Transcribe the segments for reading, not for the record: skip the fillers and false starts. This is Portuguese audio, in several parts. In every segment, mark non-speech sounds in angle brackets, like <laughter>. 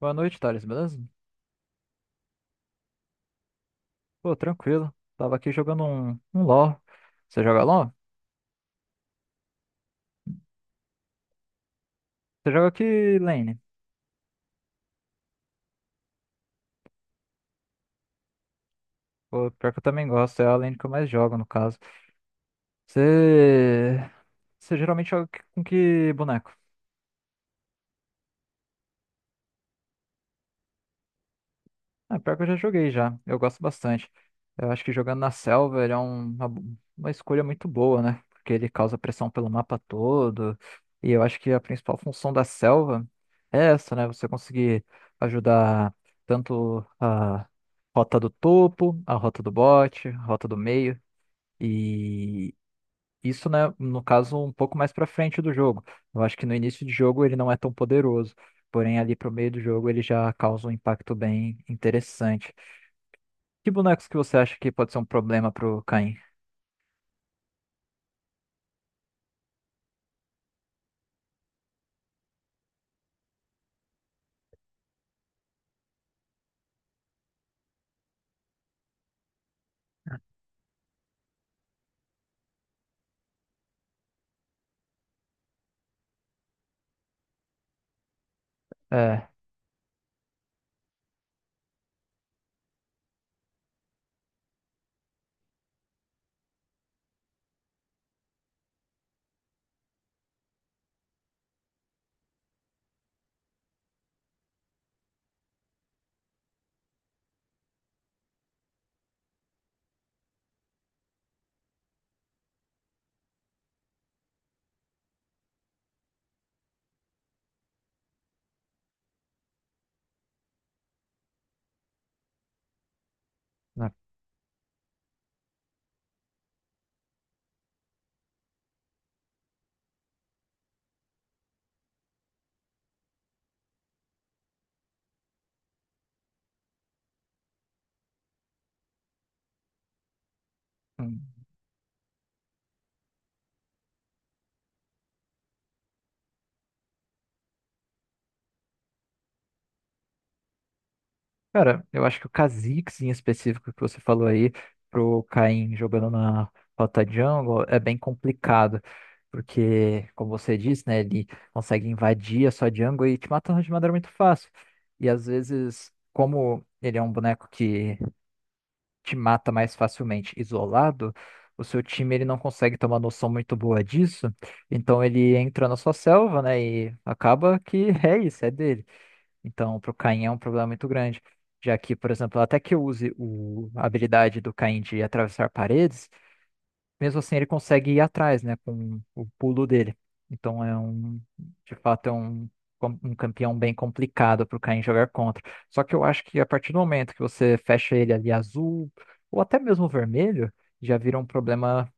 Boa noite, Thales, beleza? Pô, tranquilo. Tava aqui jogando um LoL. Você joga LoL? Você joga que lane? Pô, pior que eu também gosto, é a lane que eu mais jogo, no caso. Você... Você geralmente joga com que boneco? Ah, pior que eu já joguei já. Eu gosto bastante. Eu acho que jogando na selva ele é uma escolha muito boa, né? Porque ele causa pressão pelo mapa todo. E eu acho que a principal função da selva é essa, né? Você conseguir ajudar tanto a rota do topo, a rota do bote, a rota do meio. E isso, né, no caso, um pouco mais pra frente do jogo. Eu acho que no início de jogo ele não é tão poderoso. Porém, ali pro meio do jogo ele já causa um impacto bem interessante. Que bonecos que você acha que pode ser um problema pro Caim? É, né? Hum. Cara, eu acho que o Kha'Zix em específico que você falou aí, pro Caim jogando na rota jungle, é bem complicado. Porque, como você disse, né, ele consegue invadir a sua jungle e te matando de maneira muito fácil. E às vezes, como ele é um boneco que te mata mais facilmente isolado, o seu time ele não consegue ter uma noção muito boa disso, então ele entra na sua selva, né, e acaba que <laughs> é isso, é dele. Então, pro Caim é um problema muito grande, já que, por exemplo, até que eu use a habilidade do Caim de atravessar paredes, mesmo assim, ele consegue ir atrás, né, com o pulo dele. Então de fato, um campeão bem complicado para o Caim jogar contra. Só que eu acho que a partir do momento que você fecha ele ali azul, ou até mesmo vermelho, já vira um problema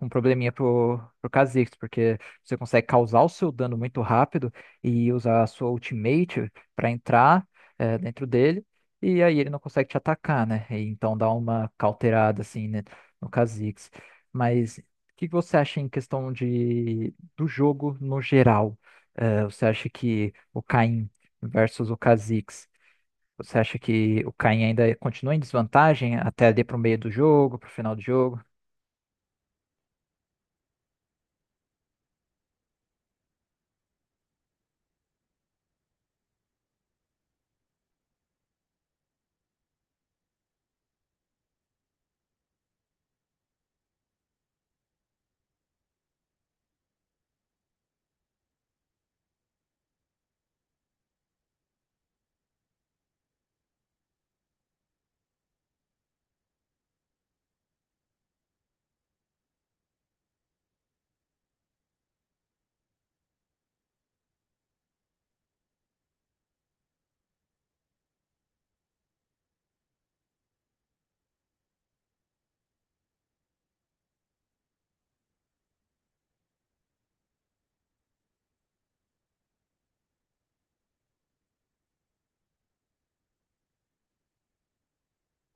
um probleminha pro Kha'Zix, porque você consegue causar o seu dano muito rápido e usar a sua ultimate para entrar dentro dele, e aí ele não consegue te atacar, né? E então dá uma cauterada assim, né, no Kha'Zix. Mas o que que você acha em questão do jogo no geral? Você acha que o Caim versus o Kha'Zix, você acha que o Caim ainda continua em desvantagem até ali pro meio do jogo, pro final do jogo?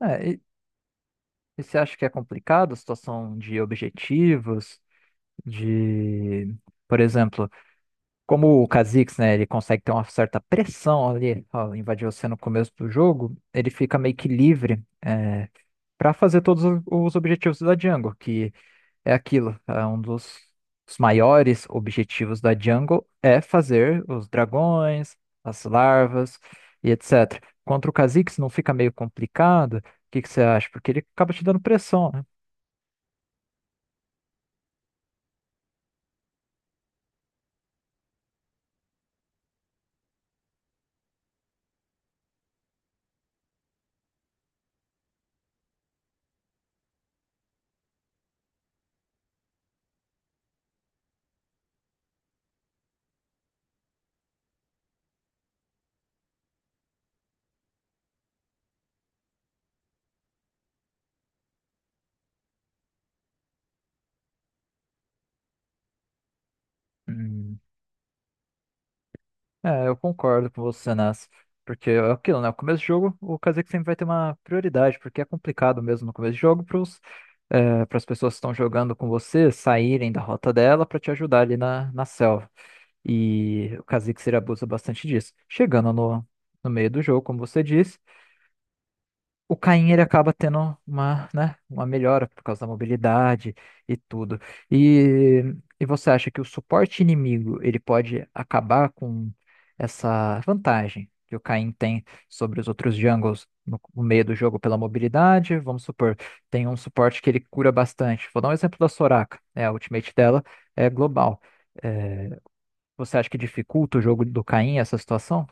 É. E você acha que é complicado a situação de objetivos, de, por exemplo, como o Kha'Zix, né, ele consegue ter uma certa pressão ali, ó, invadiu você no começo do jogo, ele fica meio que livre para fazer todos os objetivos da jungle, que é aquilo, é um dos os maiores objetivos da jungle é fazer os dragões, as larvas e etc. Contra o Kha'Zix não fica meio complicado? O que que você acha? Porque ele acaba te dando pressão. Hum, É, eu concordo com você, Nas. Porque é aquilo, né? O começo do jogo, o Kha'Zix sempre vai ter uma prioridade, porque é complicado mesmo no começo do jogo para as pessoas que estão jogando com você saírem da rota dela para te ajudar ali na selva. E o Kha'Zix ele abusa bastante disso. Chegando no meio do jogo, como você disse. O Caim ele acaba tendo uma, né, uma melhora por causa da mobilidade e tudo. E, e você acha que o suporte inimigo ele pode acabar com essa vantagem que o Caim tem sobre os outros jungles no meio do jogo pela mobilidade? Vamos supor, tem um suporte que ele cura bastante. Vou dar um exemplo da Soraka, né, a ultimate dela é global. É, Você acha que dificulta o jogo do Caim essa situação?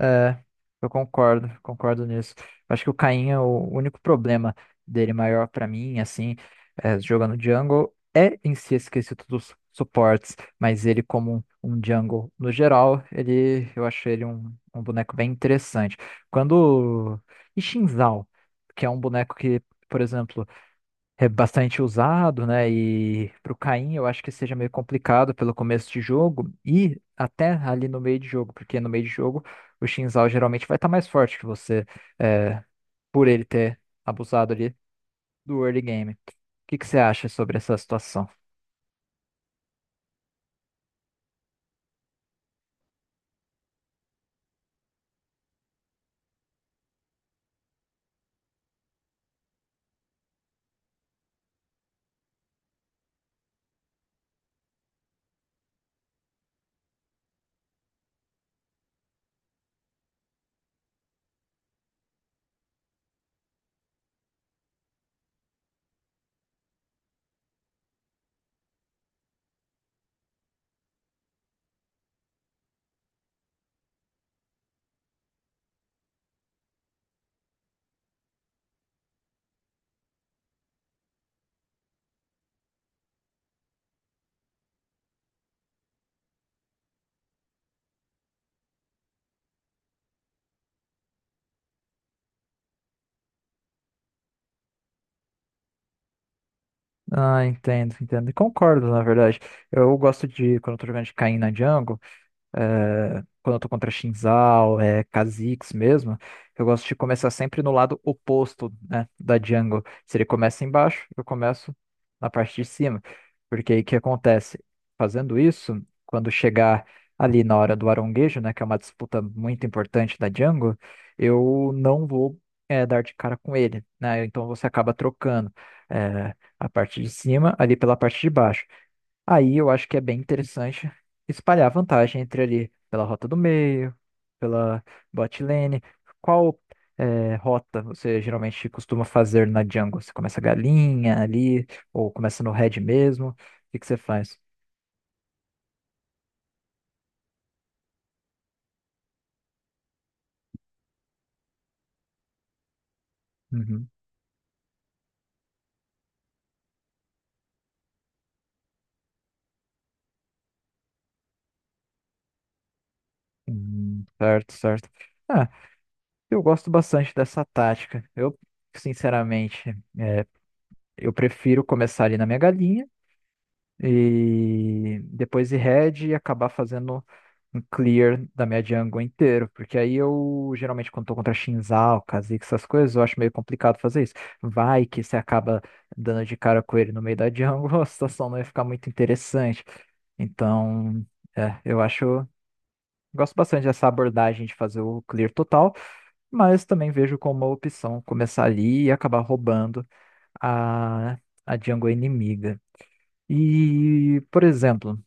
É, eu concordo nisso. Acho que o Caim é o único problema dele maior pra mim, assim, jogando jungle, é em si esquecido dos suportes, mas ele como um jungle no geral, eu achei ele um boneco bem interessante. Quando... E Xin Zhao, que é um boneco que, por exemplo, é bastante usado, né? E pro Caim eu acho que seja meio complicado pelo começo de jogo e até ali no meio de jogo, porque no meio de jogo o Xin Zhao geralmente vai estar mais forte que você, é, por ele ter abusado ali do early game. O que que você acha sobre essa situação? Ah, entendo, entendo. E concordo, na verdade. Eu gosto de, quando eu tô jogando de Caim na jungle, quando eu tô contra Kha'Zix mesmo, eu gosto de começar sempre no lado oposto, né, da jungle. Se ele começa embaixo, eu começo na parte de cima. Porque aí o que acontece? Fazendo isso, quando chegar ali na hora do aronguejo, né, que é uma disputa muito importante da jungle, eu não vou dar de cara com ele, né? Então você acaba trocando é, a parte de cima ali pela parte de baixo. Aí eu acho que é bem interessante espalhar vantagem entre ali pela rota do meio, pela bot lane. Qual rota você geralmente costuma fazer na jungle? Você começa galinha ali, ou começa no red mesmo? O que que você faz? Uhum. Certo, certo. Ah, eu gosto bastante dessa tática. Eu, sinceramente, eu prefiro começar ali na minha galinha e depois ir red e acabar fazendo um clear da minha jungle inteiro, porque aí eu geralmente quando tô contra Shinzal, Kha'Zix, essas coisas, eu acho meio complicado fazer isso. Vai que você acaba dando de cara com ele no meio da jungle, <laughs> a situação não ia ficar muito interessante. Então, é, eu acho, gosto bastante dessa abordagem de fazer o clear total, mas também vejo como uma opção começar ali e acabar roubando a, a jungle inimiga. E, por exemplo,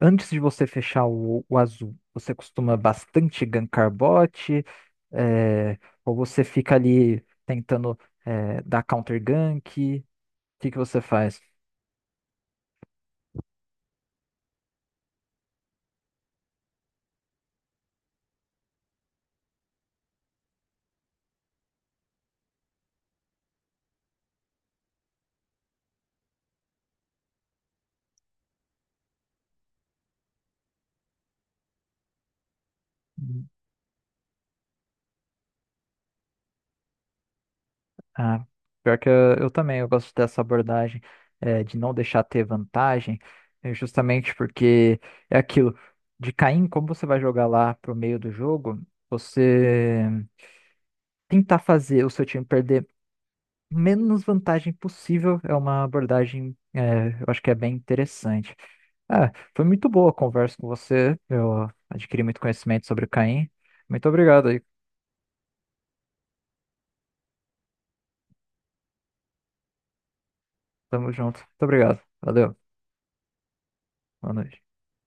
antes de você fechar o azul, você costuma bastante gankar bot, é, ou você fica ali tentando dar counter gank? O que que você faz? Ah, pior que eu também, eu gosto dessa abordagem, de não deixar ter vantagem, justamente porque é aquilo, de Caim, como você vai jogar lá pro meio do jogo, você tentar fazer o seu time perder menos vantagem possível é uma abordagem, eu acho que é bem interessante. Ah, foi muito boa a conversa com você, eu adquiri muito conhecimento sobre o Caim. Muito obrigado aí, tamo junto. Muito obrigado, valeu, boa noite.